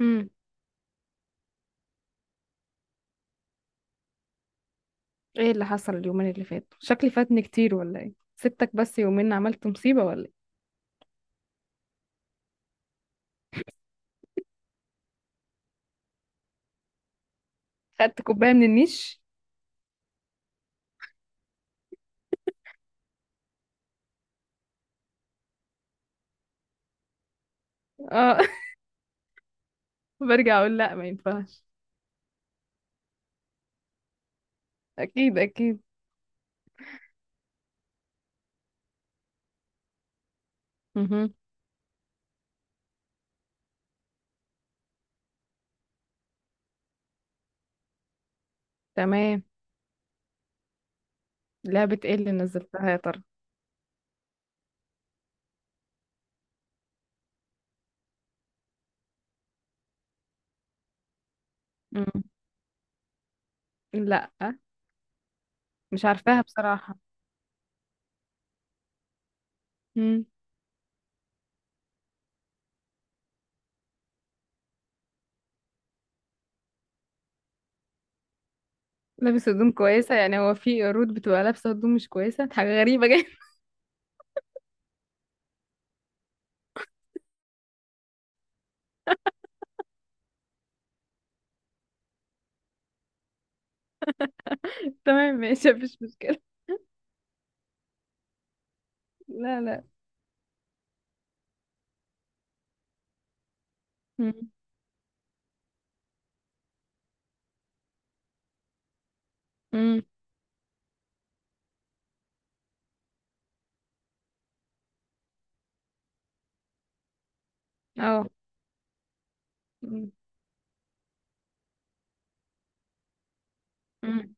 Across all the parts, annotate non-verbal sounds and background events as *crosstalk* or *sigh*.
امم ايه اللي حصل اليومين اللي فاتوا؟ شكلي فاتني كتير ولا ايه؟ سبتك بس يومين عملت مصيبة ولا ايه؟ خدت كوباية من النيش؟ اه. *laughs* برجع اقول لا، ما ينفعش. اكيد اكيد. مهم. تمام. لعبة ايه اللي نزلتها يا ترى؟ مم. لا، مش عارفاها بصراحة. مم. لابس هدوم كويسة؟ يعني هو في قرود بتبقى لابسة هدوم مش كويسة؟ *laughs* حاجة غريبة جدا. *laughs* تمام، ماشي، مفيش مشكلة. لا، لا. مم. مم. اه. مم. مم.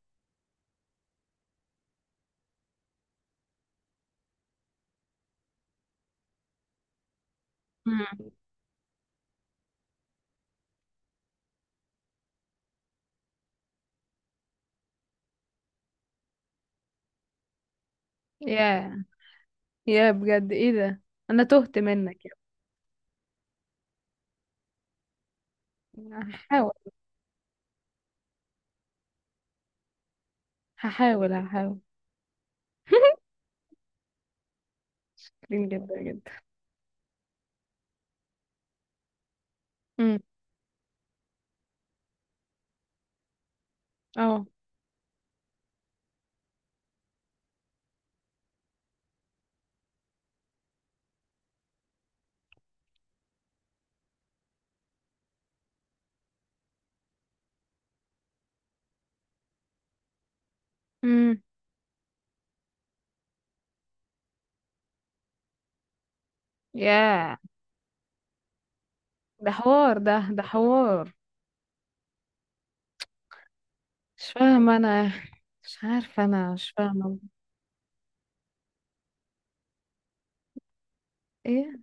مم. ياه. يا بجد ايه ده؟ انا تهت منك يا ابني. هحاول. هحاول هحاول. كريم جدا جدا. امم اه. امم يا ده حوار، ده حوار. مش فاهمه انا. مش عارفه، انا مش فاهمه. ايه؟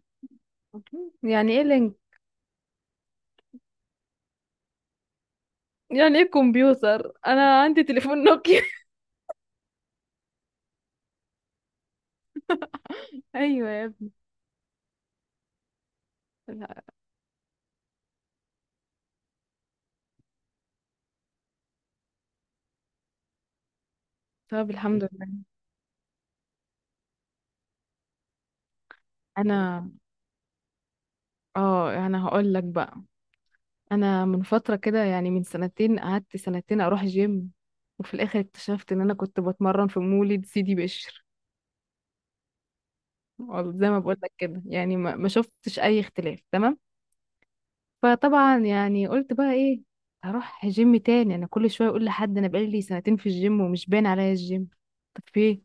يعني ايه لينك؟ يعني ايه كمبيوتر، انا عندي تليفون نوكيا. *laughs* ايوه يا ابني. لا. طب الحمد لله. انا اه انا هقول لك بقى. انا من فتره كده يعني من سنتين، قعدت سنتين اروح جيم. وفي الاخر اكتشفت ان انا كنت بتمرن في مولد سيدي بشر. والله زي ما بقول لك كده يعني، ما شفتش اي اختلاف. تمام. فطبعا يعني قلت بقى ايه؟ هروح جيم تاني. انا كل شويه اقول لحد انا بقالي سنتين في الجيم ومش باين عليا الجيم. طب فين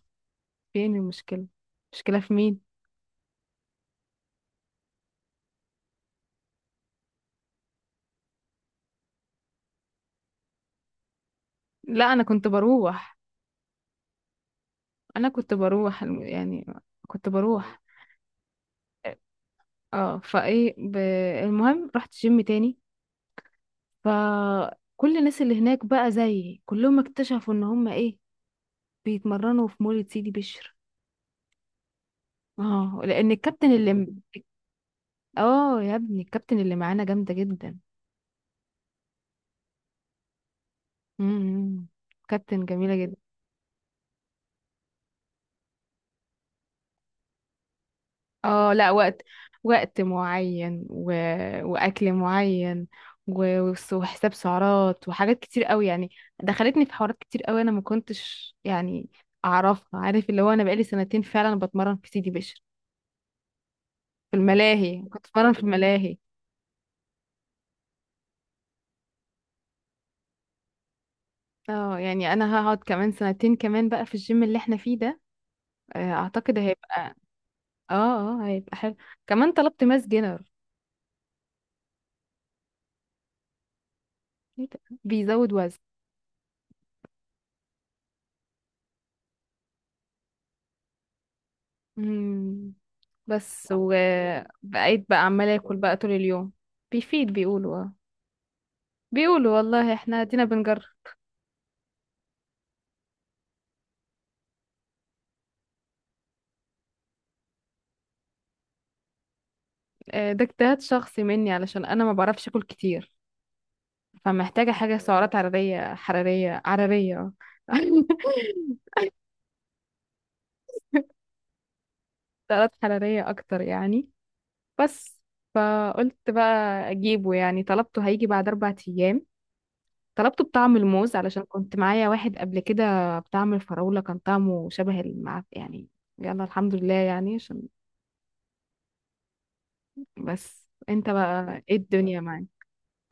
فين المشكله؟ المشكله في مين؟ لا، انا كنت بروح. يعني كنت بروح. اه. آه، فايه ب... المهم رحت جيم تاني. فكل الناس اللي هناك بقى زيي كلهم اكتشفوا ان هم ايه؟ بيتمرنوا في مولد سيدي بشر. اه، لان الكابتن اللي *laughs* اه يا ابني الكابتن اللي معانا جامده جدا. امم كابتن جميله جدا. اه، لا، وقت. وقت معين، واكل معين، وحساب سعرات وحاجات كتير قوي يعني. دخلتني في حوارات كتير قوي انا ما كنتش يعني اعرفها، عارف اللي هو انا بقالي سنتين فعلا بتمرن في سيدي بشر. في الملاهي كنت بتمرن في الملاهي. اه يعني انا هقعد كمان سنتين كمان بقى في الجيم اللي احنا فيه ده. اعتقد هيبقى. اه. اه، هيبقى حلو. كمان طلبت ماس جينر. إيه ده؟ بيزود وزن. مم. بس وبقيت بقى عمالة اكل بقى طول اليوم. بيفيد. بيقولوا اه. بيقولوا والله احنا ادينا بنجرب. ده اجتهاد شخصي مني علشان انا ما بعرفش اكل كتير. فمحتاجة حاجة سعرات حرارية حرارية حرارية. آه. *laughs* سعرات حرارية اكتر يعني. بس فقلت بقى اجيبه يعني. طلبته هيجي بعد 4 ايام. طلبته بطعم الموز علشان كنت معايا واحد قبل كده بطعم الفراولة كان طعمه شبه المع يعني. يلا الحمد لله يعني، عشان بس. انت بقى ايه الدنيا معاك؟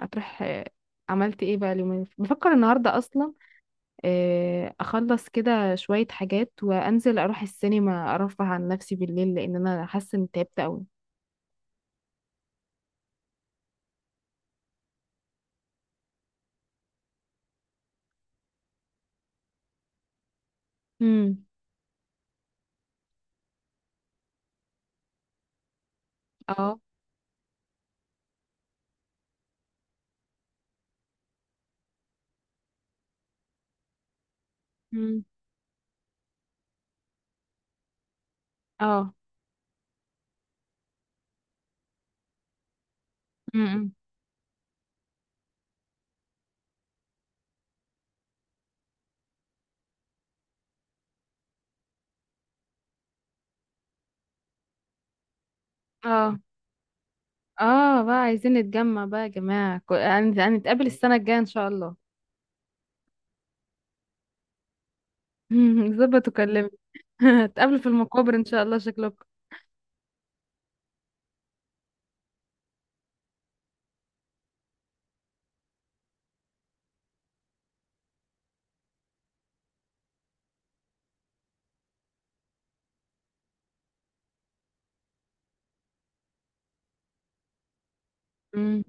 هتروح؟ عملت ايه بقى بفكر النهارده اصلا. اخلص كده شوية حاجات وانزل اروح السينما ارفه عن نفسي بالليل لان انا حاسة اني تعبت قوي. امم اه. امم اه. امم اه. اه بقى عايزين نتجمع بقى يا جماعة، هنتقابل السنة الجاية ان شاء الله. *laughs* ظبط وكلمني. *laughs* هتقابلوا في المقابر ان شاء الله شكلكم. مم.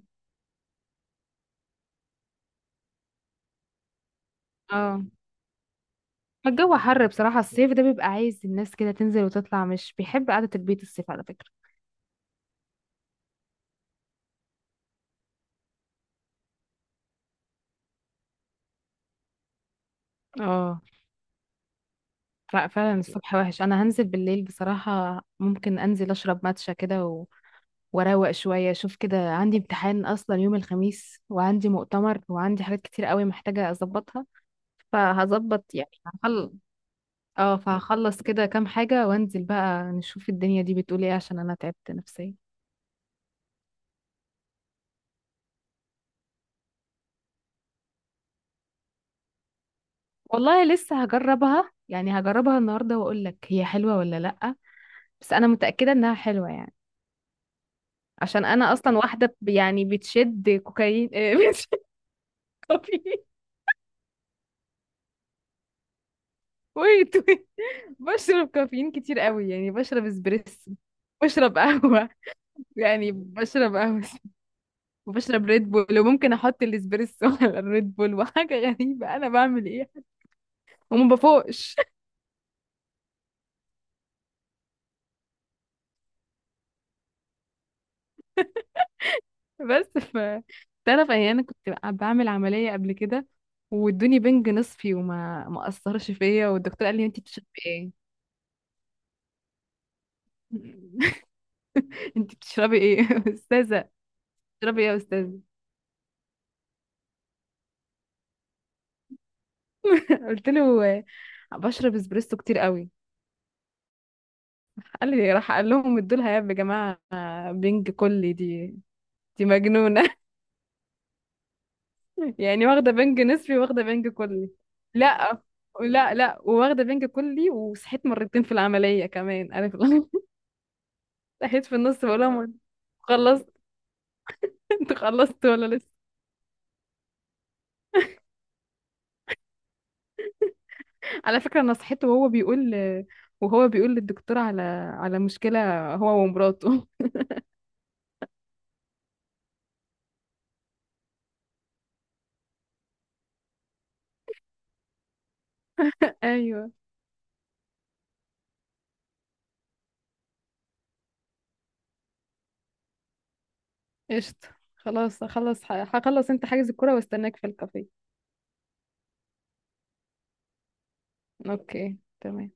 اه. الجو حر بصراحة، الصيف ده بيبقى عايز الناس كده تنزل وتطلع، مش بيحب قعدة البيت الصيف على فكرة. اه، لا فعلا الصبح وحش. انا هنزل بالليل بصراحة. ممكن انزل اشرب ماتشا كده واروق شوية اشوف كده. عندي امتحان اصلا يوم الخميس وعندي مؤتمر وعندي حاجات كتير قوي محتاجة اظبطها. فهظبط يعني. اه فهخلص كده كام حاجة وانزل بقى نشوف الدنيا دي بتقول ايه عشان انا تعبت نفسيا. والله لسه هجربها يعني. هجربها النهاردة واقول لك هي حلوة ولا لأ. بس انا متأكدة انها حلوة يعني. عشان انا اصلا واحدة يعني بتشد كوكايين، *laughs* بتشد كافيين. ويت ويت. بشرب كافيين كتير قوي يعني. بشرب اسبريسو. بشرب قهوة. *laughs* يعني بشرب قهوة. *laughs* وبشرب ريد بول وممكن احط الاسبريسو *laughs* على الريد بول، وحاجة غريبة انا بعمل ايه. وما بفوقش. بس. تعرف يعني انا كنت بعمل عمليه قبل كده وادوني بنج نصفي وما ما اثرش فيا والدكتور قال لي انت بتشربي ايه؟ *laughs* انت بتشربي ايه *laughs* يا استاذه؟ بتشربي ايه يا استاذه؟ *laughs* قلت له بشرب اسبريسو كتير قوي. قال لي راح قال لهم ادوا لها يا جماعه بنج كلي دي. دي مجنونه. *laughs* يعني واخده بنج نصفي واخده بنج كلي. لا، لا، لا. وواخده بنج كلي وصحيت مرتين في العمليه كمان عارف. *laughs* صحيت في النص بقول لهم خلصت. *laughs* انت خلصت ولا لسه؟ على فكرة انا صحيت وهو بيقول، وهو بيقول للدكتور على، مشكلة هو ومراته. *laughs* ايوه. قشطة. خلاص هخلص هخلص. انت حاجز الكرة واستناك في الكافيه. اوكي تمام.